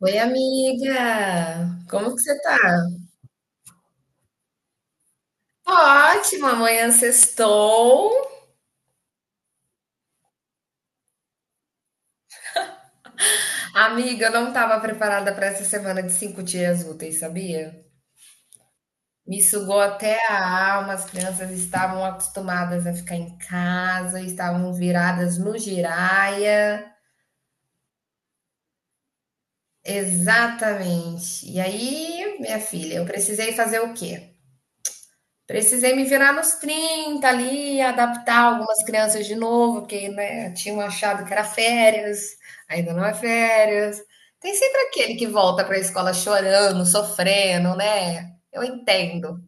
Oi, amiga! Como que você tá? Tô ótima, amanhã sextou. Amiga, eu não tava preparada para essa semana de 5 dias úteis, sabia? Me sugou até a alma, as crianças estavam acostumadas a ficar em casa, estavam viradas no giraia. Exatamente. E aí, minha filha, eu precisei fazer o quê? Precisei me virar nos 30 ali, adaptar algumas crianças de novo, porque, né, tinham achado que era férias, ainda não é férias. Tem sempre aquele que volta para a escola chorando, sofrendo, né? Eu entendo.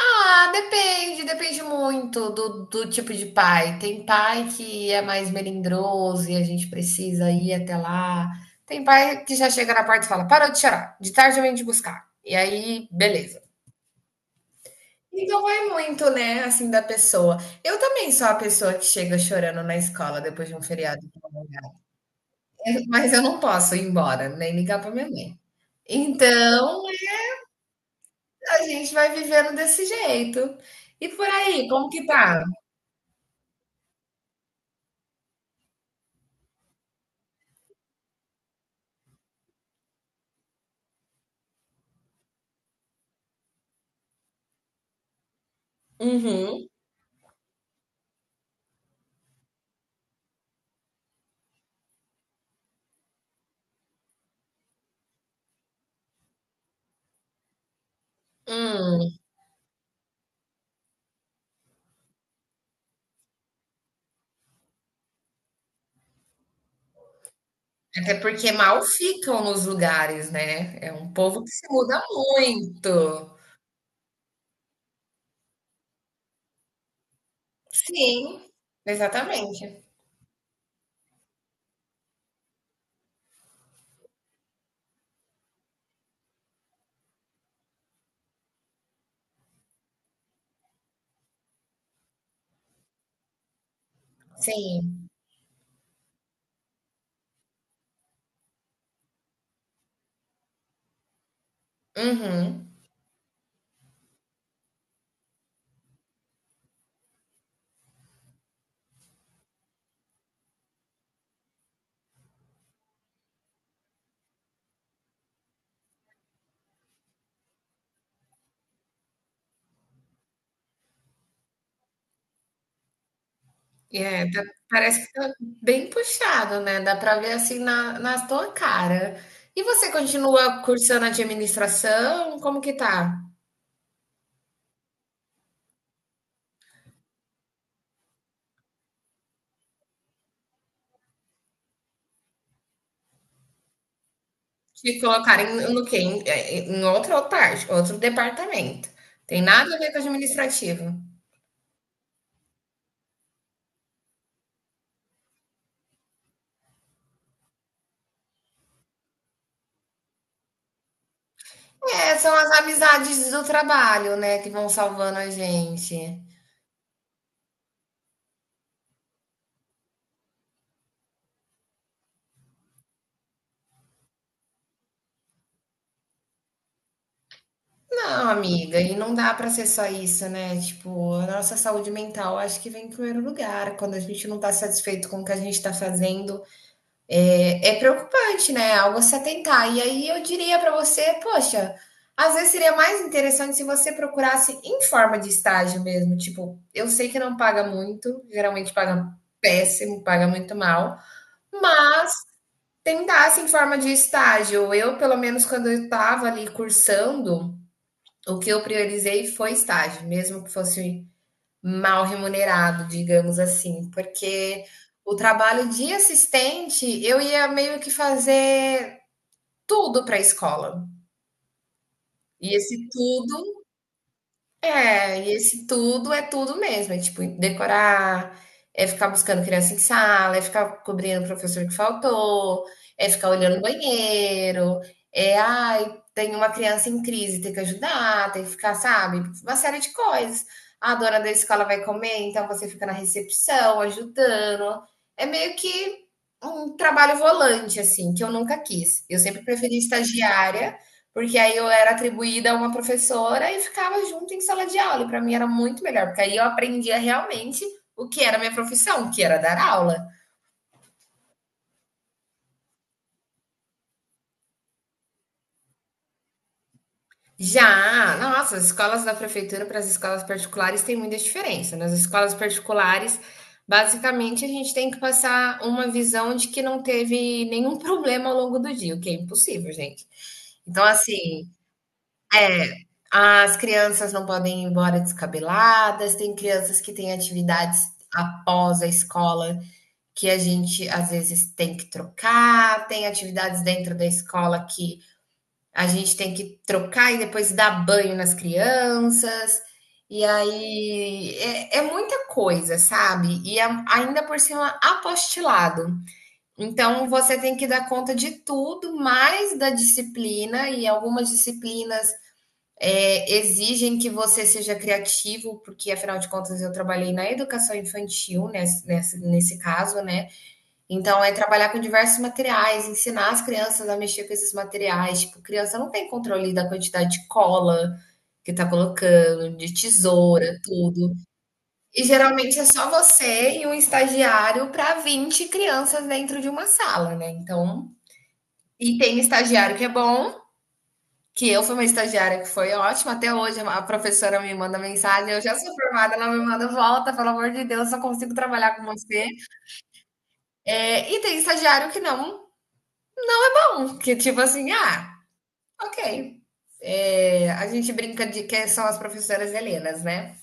Ah, depende, depende muito do tipo de pai. Tem pai que é mais melindroso e a gente precisa ir até lá. Tem pai que já chega na porta e fala: parou de chorar, de tarde eu venho te buscar. E aí, beleza. Então vai muito, né, assim, da pessoa. Eu também sou a pessoa que chega chorando na escola depois de um feriado prolongado, mas eu não posso ir embora, nem ligar para minha mãe. Então, a gente vai vivendo desse jeito. E por aí, como que tá? Uhum. Hum. Até porque mal ficam nos lugares, né? É um povo que se muda muito. Sim, exatamente. Sim. Uhum. É, tá, parece que tá bem puxado, né, dá pra ver, assim, na tua cara. E você continua cursando administração, como que tá? Te colocarem no quê? Em outra parte, outro departamento. Tem nada a ver com administrativo. É, são as amizades do trabalho, né, que vão salvando a gente. Não, amiga, e não dá pra ser só isso, né, tipo, a nossa saúde mental acho que vem em primeiro lugar, quando a gente não tá satisfeito com o que a gente tá fazendo, é preocupante, né? Algo a se atentar. E aí eu diria para você, poxa, às vezes seria mais interessante se você procurasse em forma de estágio mesmo. Tipo, eu sei que não paga muito, geralmente paga péssimo, paga muito mal, mas tentasse em forma de estágio. Eu, pelo menos, quando eu estava ali cursando, o que eu priorizei foi estágio, mesmo que fosse mal remunerado, digamos assim, porque o trabalho de assistente eu ia meio que fazer tudo para a escola. E esse tudo e esse tudo é tudo mesmo, é tipo decorar, é ficar buscando criança em sala, é ficar cobrindo o professor que faltou, é ficar olhando o banheiro, é ai, tem uma criança em crise, tem que ajudar, tem que ficar, sabe, uma série de coisas. A dona da escola vai comer, então você fica na recepção ajudando. É meio que um trabalho volante assim, que eu nunca quis. Eu sempre preferi estagiária porque aí eu era atribuída a uma professora e ficava junto em sala de aula. E para mim era muito melhor, porque aí eu aprendia realmente o que era a minha profissão, que era dar aula. Já, nossa, as escolas da prefeitura para as escolas particulares tem muita diferença, né? Nas escolas particulares, basicamente, a gente tem que passar uma visão de que não teve nenhum problema ao longo do dia, o que é impossível, gente. Então, assim, É, as crianças não podem ir embora descabeladas, tem crianças que têm atividades após a escola que a gente às vezes tem que trocar, tem atividades dentro da escola que a gente tem que trocar e depois dar banho nas crianças. E aí é muita coisa, sabe? E ainda por cima apostilado. Então você tem que dar conta de tudo, mais da disciplina, e algumas disciplinas exigem que você seja criativo, porque afinal de contas eu trabalhei na educação infantil nesse caso, né? Então é trabalhar com diversos materiais, ensinar as crianças a mexer com esses materiais. Tipo, criança não tem controle da quantidade de cola que tá colocando, de tesoura, tudo. E geralmente é só você e um estagiário para 20 crianças dentro de uma sala, né? Então, e tem estagiário que é bom, que eu fui uma estagiária que foi ótima, até hoje a professora me manda mensagem, eu já sou formada, ela me manda volta, pelo amor de Deus, só consigo trabalhar com você. É, e tem estagiário que não, um pão, que tipo assim, ah, ok. É, a gente brinca de que são as professoras helenas, né?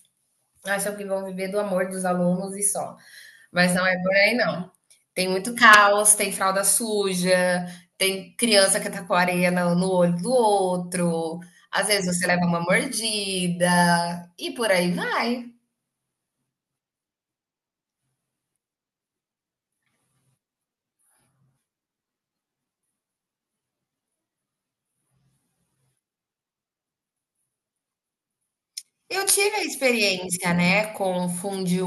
Acham que vão viver do amor dos alunos e só. Mas não é por aí não. Tem muito caos, tem fralda suja, tem criança que tá com a areia no olho do outro, às vezes você leva uma mordida, e por aí vai. Eu tive a experiência, né, com fun de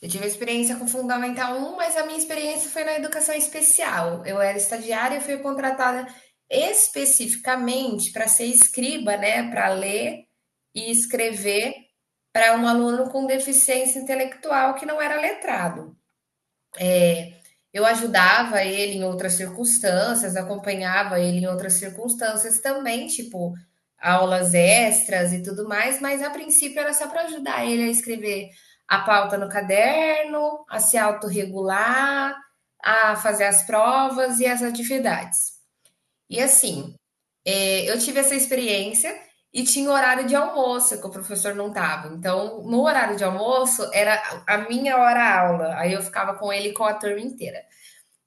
Eu tive experiência com Fundamental Um, mas a minha experiência foi na educação especial. Eu era estagiária e fui contratada especificamente para ser escriba, né, para ler e escrever para um aluno com deficiência intelectual que não era letrado. Eu ajudava ele em outras circunstâncias, acompanhava ele em outras circunstâncias também, tipo aulas extras e tudo mais, mas a princípio era só para ajudar ele a escrever a pauta no caderno, a se autorregular, a fazer as provas e as atividades. E assim, eu tive essa experiência e tinha horário de almoço que o professor não tava. Então, no horário de almoço era a minha hora aula. Aí eu ficava com ele e com a turma inteira.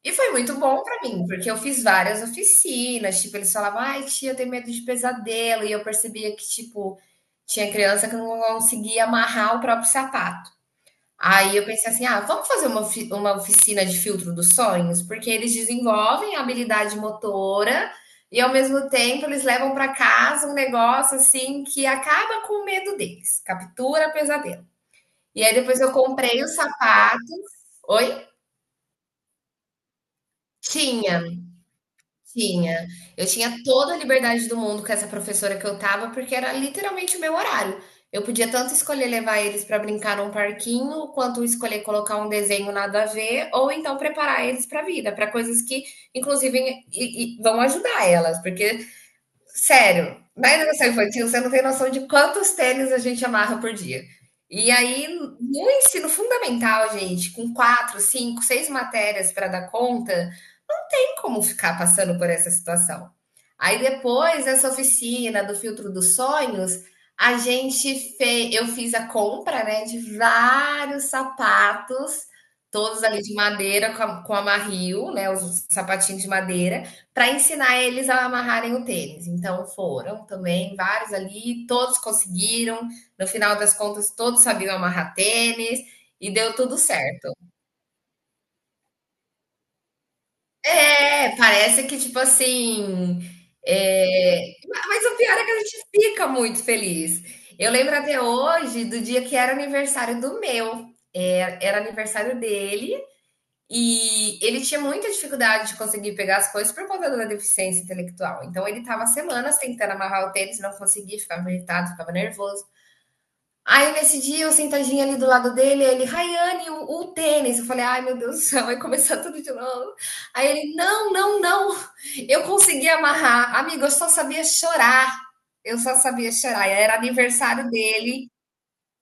E foi muito bom pra mim, porque eu fiz várias oficinas, tipo, eles falavam: "Ai, tia, eu tenho medo de pesadelo", e eu percebia que, tipo, tinha criança que não conseguia amarrar o próprio sapato. Aí eu pensei assim: "Ah, vamos fazer uma oficina de filtro dos sonhos?", porque eles desenvolvem a habilidade motora e, ao mesmo tempo, eles levam para casa um negócio, assim, que acaba com o medo deles, captura pesadelo. E aí depois eu comprei os sapatos. Oi? Tinha. Tinha. Eu tinha toda a liberdade do mundo com essa professora que eu estava, porque era literalmente o meu horário. Eu podia tanto escolher levar eles para brincar num parquinho, quanto escolher colocar um desenho nada a ver, ou então preparar eles para a vida, para coisas que, inclusive, e vão ajudar elas, porque sério, na educação infantil você não tem noção de quantos tênis a gente amarra por dia. E aí, no ensino fundamental, gente, com quatro, cinco, seis matérias para dar conta, não tem como ficar passando por essa situação. Aí depois essa oficina do filtro dos sonhos, a gente fez, eu fiz a compra, né, de vários sapatos, todos ali de madeira com a marril, né, os sapatinhos de madeira para ensinar eles a amarrarem o tênis. Então foram também vários ali, todos conseguiram. No final das contas, todos sabiam amarrar tênis e deu tudo certo. É, parece que tipo assim. é, Mas o pior é que a gente fica muito feliz. Eu lembro até hoje do dia que era aniversário do meu. Era aniversário dele. E ele tinha muita dificuldade de conseguir pegar as coisas por conta da deficiência intelectual. Então ele estava semanas tentando amarrar o tênis, não conseguia, ficava irritado, ficava nervoso. Aí nesse dia eu sentadinha ali do lado dele, ele, Rayane, o tênis. Eu falei, ai meu Deus do céu, vai começar tudo de novo. Aí ele, não, não, não, eu consegui amarrar. Amigo, eu só sabia chorar. Eu só sabia chorar. Era aniversário dele.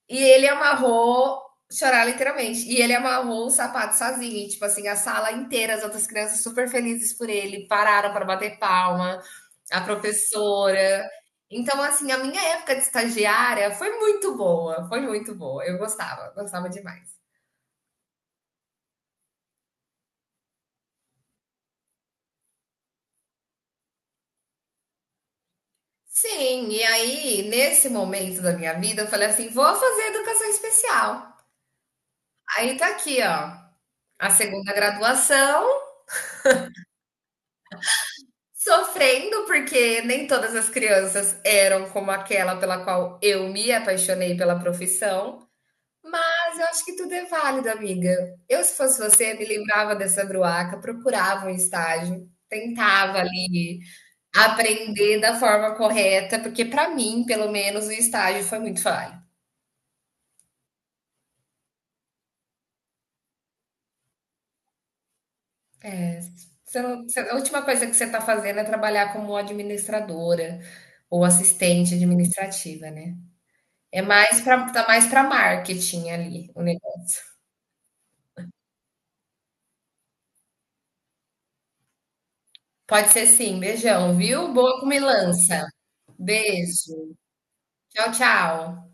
E ele amarrou, chorar literalmente, e ele amarrou o sapato sozinho, e, tipo assim, a sala inteira, as outras crianças super felizes por ele, pararam para bater palma, a professora. Então, assim, a minha época de estagiária foi muito boa, foi muito boa. Eu gostava, gostava demais. Sim, e aí, nesse momento da minha vida, eu falei assim: vou fazer educação especial. Aí tá aqui, ó, a segunda graduação. Sofrendo, porque nem todas as crianças eram como aquela pela qual eu me apaixonei pela profissão, mas eu acho que tudo é válido, amiga. Eu, se fosse você, me lembrava dessa bruaca, procurava um estágio, tentava ali aprender da forma correta, porque para mim, pelo menos, o estágio foi muito falho. É, você não- você- a última coisa que você está fazendo é trabalhar como administradora ou assistente administrativa, né? É mais pra tá, mais para marketing ali o negócio. Pode ser sim. Beijão, viu? Boa comilança. Beijo. Tchau, tchau.